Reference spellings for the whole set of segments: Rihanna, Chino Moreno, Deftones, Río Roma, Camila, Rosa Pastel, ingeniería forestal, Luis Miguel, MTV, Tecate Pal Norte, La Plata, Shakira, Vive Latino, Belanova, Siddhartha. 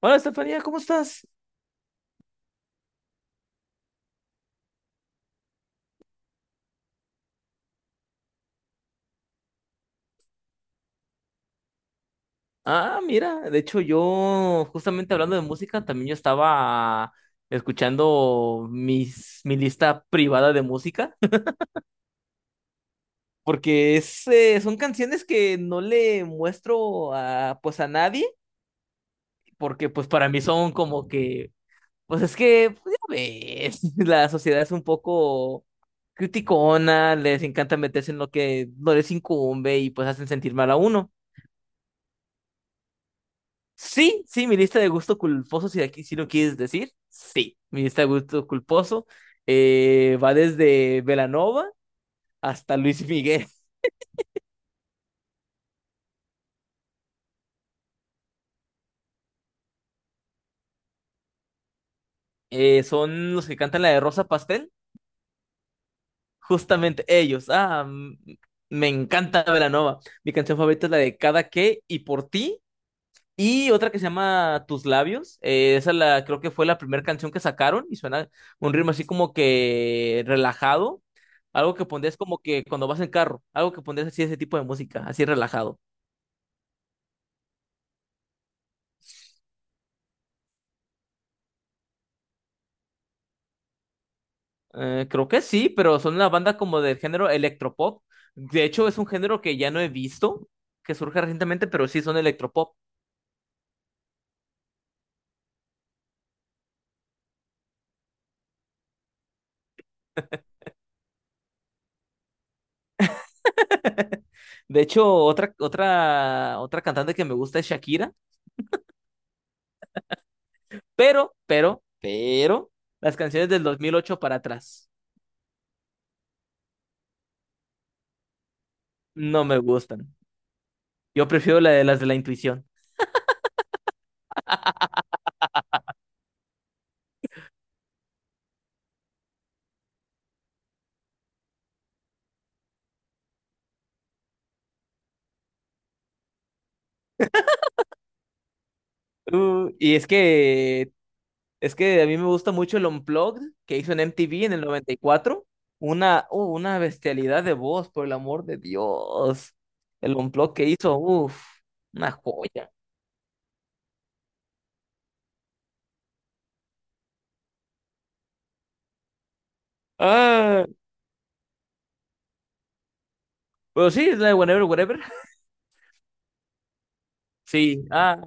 Hola, Estefanía, ¿cómo estás? Ah, mira, de hecho yo, justamente hablando de música, también yo estaba escuchando mi lista privada de música, porque son canciones que no le muestro pues a nadie, porque pues para mí son como que, pues es que, pues, ya ves, la sociedad es un poco criticona, les encanta meterse en lo que no les incumbe y pues hacen sentir mal a uno. Sí, sí, mi lista de gusto culposo, si aquí sí lo quieres decir, sí, mi lista de gusto culposo va desde Belanova hasta Luis Miguel. Son los que cantan la de Rosa Pastel, justamente ellos. Ah, me encanta Belanova. Mi canción favorita es la de Cada que y por ti. Y otra que se llama Tus Labios. Creo que fue la primera canción que sacaron y suena un ritmo así como que relajado. Algo que pondrías como que cuando vas en carro. Algo que pondrías así ese tipo de música, así relajado. Creo que sí, pero son una banda como del género electropop. De hecho, es un género que ya no he visto, que surge recientemente, pero sí son electropop. De hecho, otra cantante que me gusta es Shakira, pero, las canciones del 2008 para atrás no me gustan. Yo prefiero la de las de la intuición. Y es que a mí me gusta mucho el Unplugged que hizo en MTV en el 94. Una bestialidad de voz, por el amor de Dios. El Unplugged que hizo, uff, una joya. Ah, pero sí, es la de Whatever, Whatever. Sí, ah,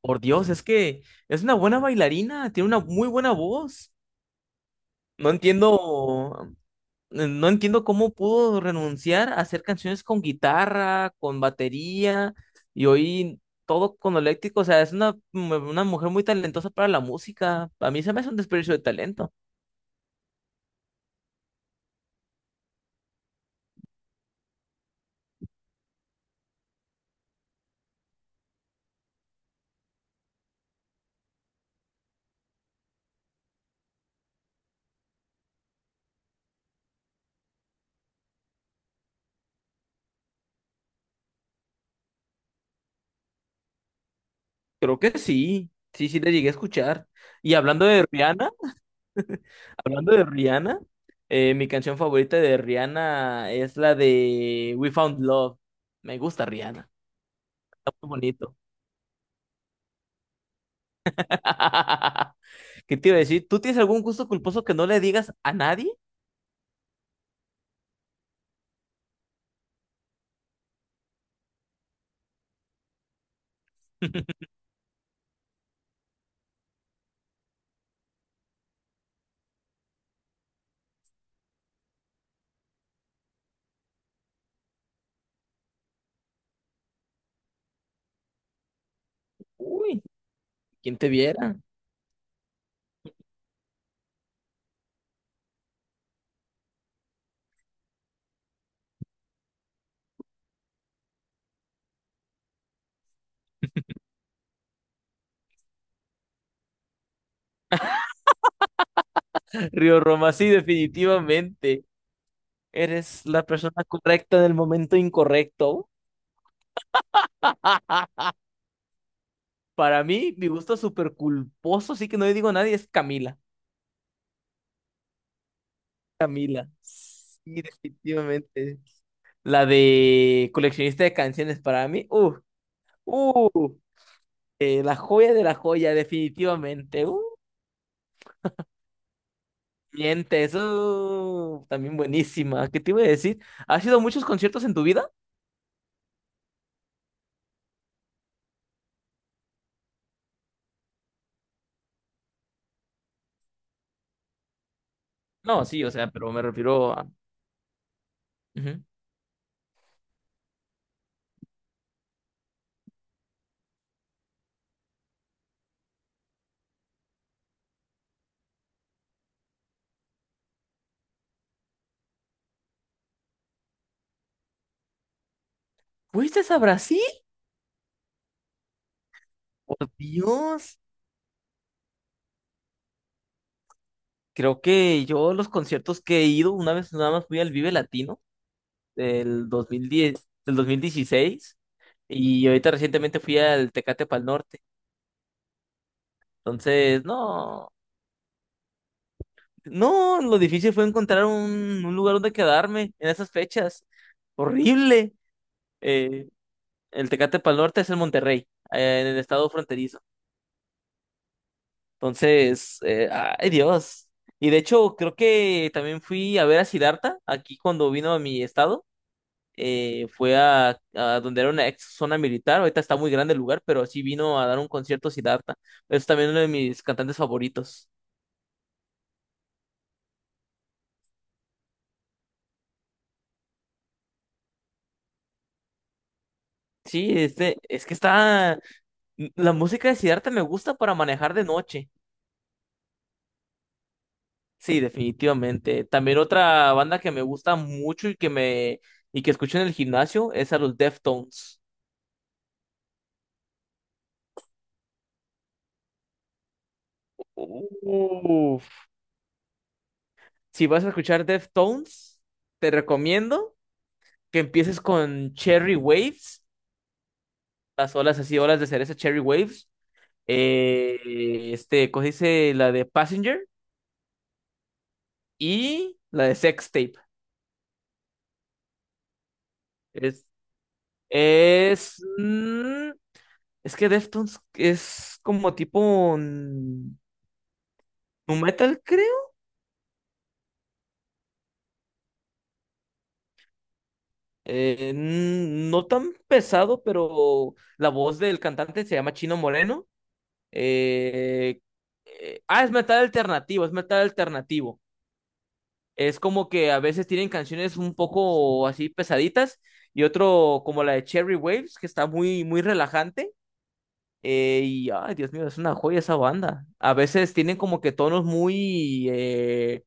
por Dios, es que es una buena bailarina, tiene una muy buena voz. No entiendo, No entiendo cómo pudo renunciar a hacer canciones con guitarra, con batería y hoy todo con eléctrico. O sea, es una mujer muy talentosa para la música. A mí se me hace un desperdicio de talento. Creo que sí, sí, sí le llegué a escuchar. Y hablando de Rihanna, hablando de Rihanna, mi canción favorita de Rihanna es la de We Found Love. Me gusta Rihanna, está muy bonito. ¿Qué te iba a decir? ¿Tú tienes algún gusto culposo que no le digas a nadie? Uy, ¿quién te viera? Río Roma, sí, definitivamente. Eres la persona correcta en el momento incorrecto. Para mí, mi gusto súper culposo, sí que no le digo a nadie, es Camila. Camila. Sí, definitivamente. La de coleccionista de canciones para mí. Uh, la joya de la joya, definitivamente. Mientes. También buenísima. ¿Qué te iba a decir? ¿Has ido a muchos conciertos en tu vida? No, sí, o sea, pero me refiero a... Ujú. ¿Fuiste a Brasil? Por Dios, creo que yo los conciertos que he ido, una vez nada más fui al Vive Latino del 2010, del 2016, y ahorita recientemente fui al Tecate Pal Norte. Entonces, no, no, lo difícil fue encontrar un lugar donde quedarme en esas fechas. Horrible. Eh, el Tecate Pal Norte es el Monterrey, en el estado fronterizo. Entonces, ay Dios. Y de hecho, creo que también fui a ver a Siddhartha aquí cuando vino a mi estado. Fue a donde era una ex zona militar. Ahorita está muy grande el lugar, pero sí vino a dar un concierto Siddhartha. Es también uno de mis cantantes favoritos. Sí, este, es que está. La música de Siddhartha me gusta para manejar de noche. Sí, definitivamente. También otra banda que me gusta mucho y que escucho en el gimnasio es a los Deftones. Uf, si vas a escuchar Deftones, te recomiendo que empieces con Cherry Waves, las olas así, olas de cereza Cherry Waves. Este, ¿cómo se dice? La de Passenger y la de Sex Tape. Es, es, mm, es que Deftones es como tipo nu metal, creo. No tan pesado, pero la voz del cantante se llama Chino Moreno. Eh, es metal alternativo, es metal alternativo. Es como que a veces tienen canciones un poco así pesaditas y otro como la de Cherry Waves, que está muy, muy relajante. Y, ay, Dios mío, es una joya esa banda. A veces tienen como que tonos muy,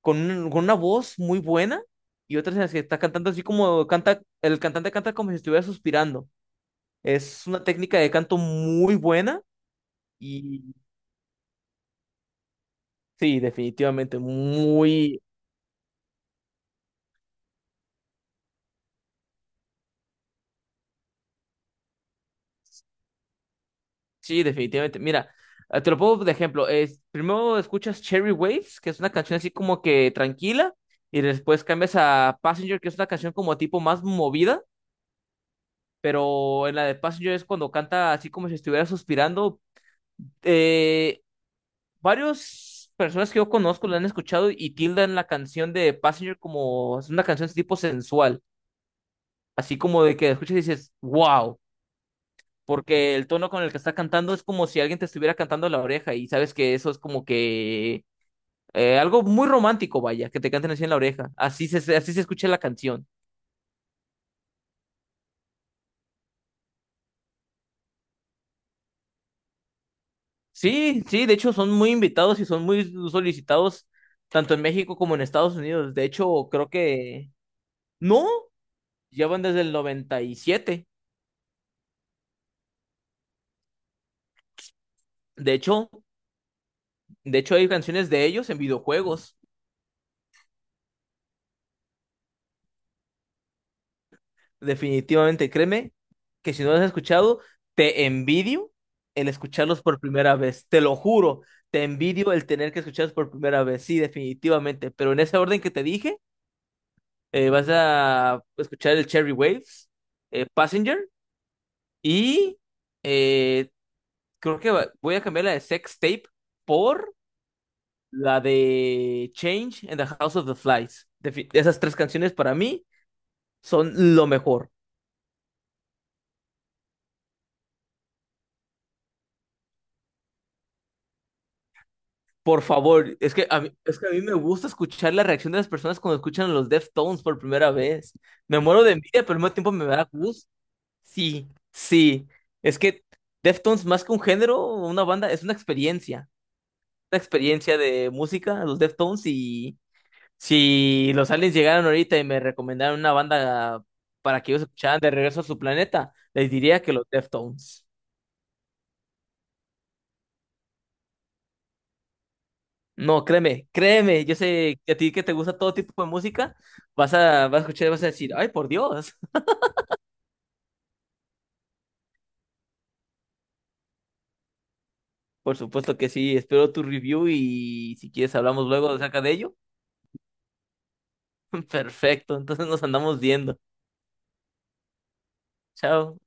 con una voz muy buena y otras en las que está cantando así como canta, el cantante canta como si estuviera suspirando. Es una técnica de canto muy buena. Sí, definitivamente, sí, definitivamente. Mira, te lo pongo de ejemplo. Primero escuchas Cherry Waves, que es una canción así como que tranquila, y después cambias a Passenger, que es una canción como tipo más movida, pero en la de Passenger es cuando canta así como si estuviera suspirando. Eh, varias personas que yo conozco la han escuchado y tildan la canción de Passenger como es una canción tipo sensual, así como de que la escuchas y dices, wow. Porque el tono con el que está cantando es como si alguien te estuviera cantando en la oreja y sabes que eso es como que algo muy romántico, vaya, que te canten así en la oreja. Así se escucha la canción. Sí, sí, de hecho son muy invitados y son muy solicitados tanto en México como en Estados Unidos. De hecho, creo que no, ya van desde el noventa y siete. De hecho, de hecho, hay canciones de ellos en videojuegos. Definitivamente, créeme que si no los has escuchado, te envidio el escucharlos por primera vez, te lo juro, te envidio el tener que escucharlos por primera vez, sí, definitivamente, pero en ese orden que te dije, Vas a escuchar el Cherry Waves, Passenger y eh, creo que voy a cambiar la de Sex Tape por la de Change and the House of the Flies. Esas tres canciones para mí son lo mejor. Por favor, es que a mí me gusta escuchar la reacción de las personas cuando escuchan los Deftones por primera vez. Me muero de envidia, pero al mismo tiempo me da gusto. Sí, sí. Es que Deftones, más que un género, una banda, es una experiencia. Una experiencia de música, los Deftones. Y si los aliens llegaron ahorita y me recomendaron una banda para que ellos escucharan de regreso a su planeta, les diría que los Deftones. No, créeme, créeme, yo sé que a ti que te gusta todo tipo de música, vas a escuchar y vas a decir, ay, por Dios. Por supuesto que sí, espero tu review y si quieres hablamos luego acerca de ello. Perfecto, entonces nos andamos viendo. Chao.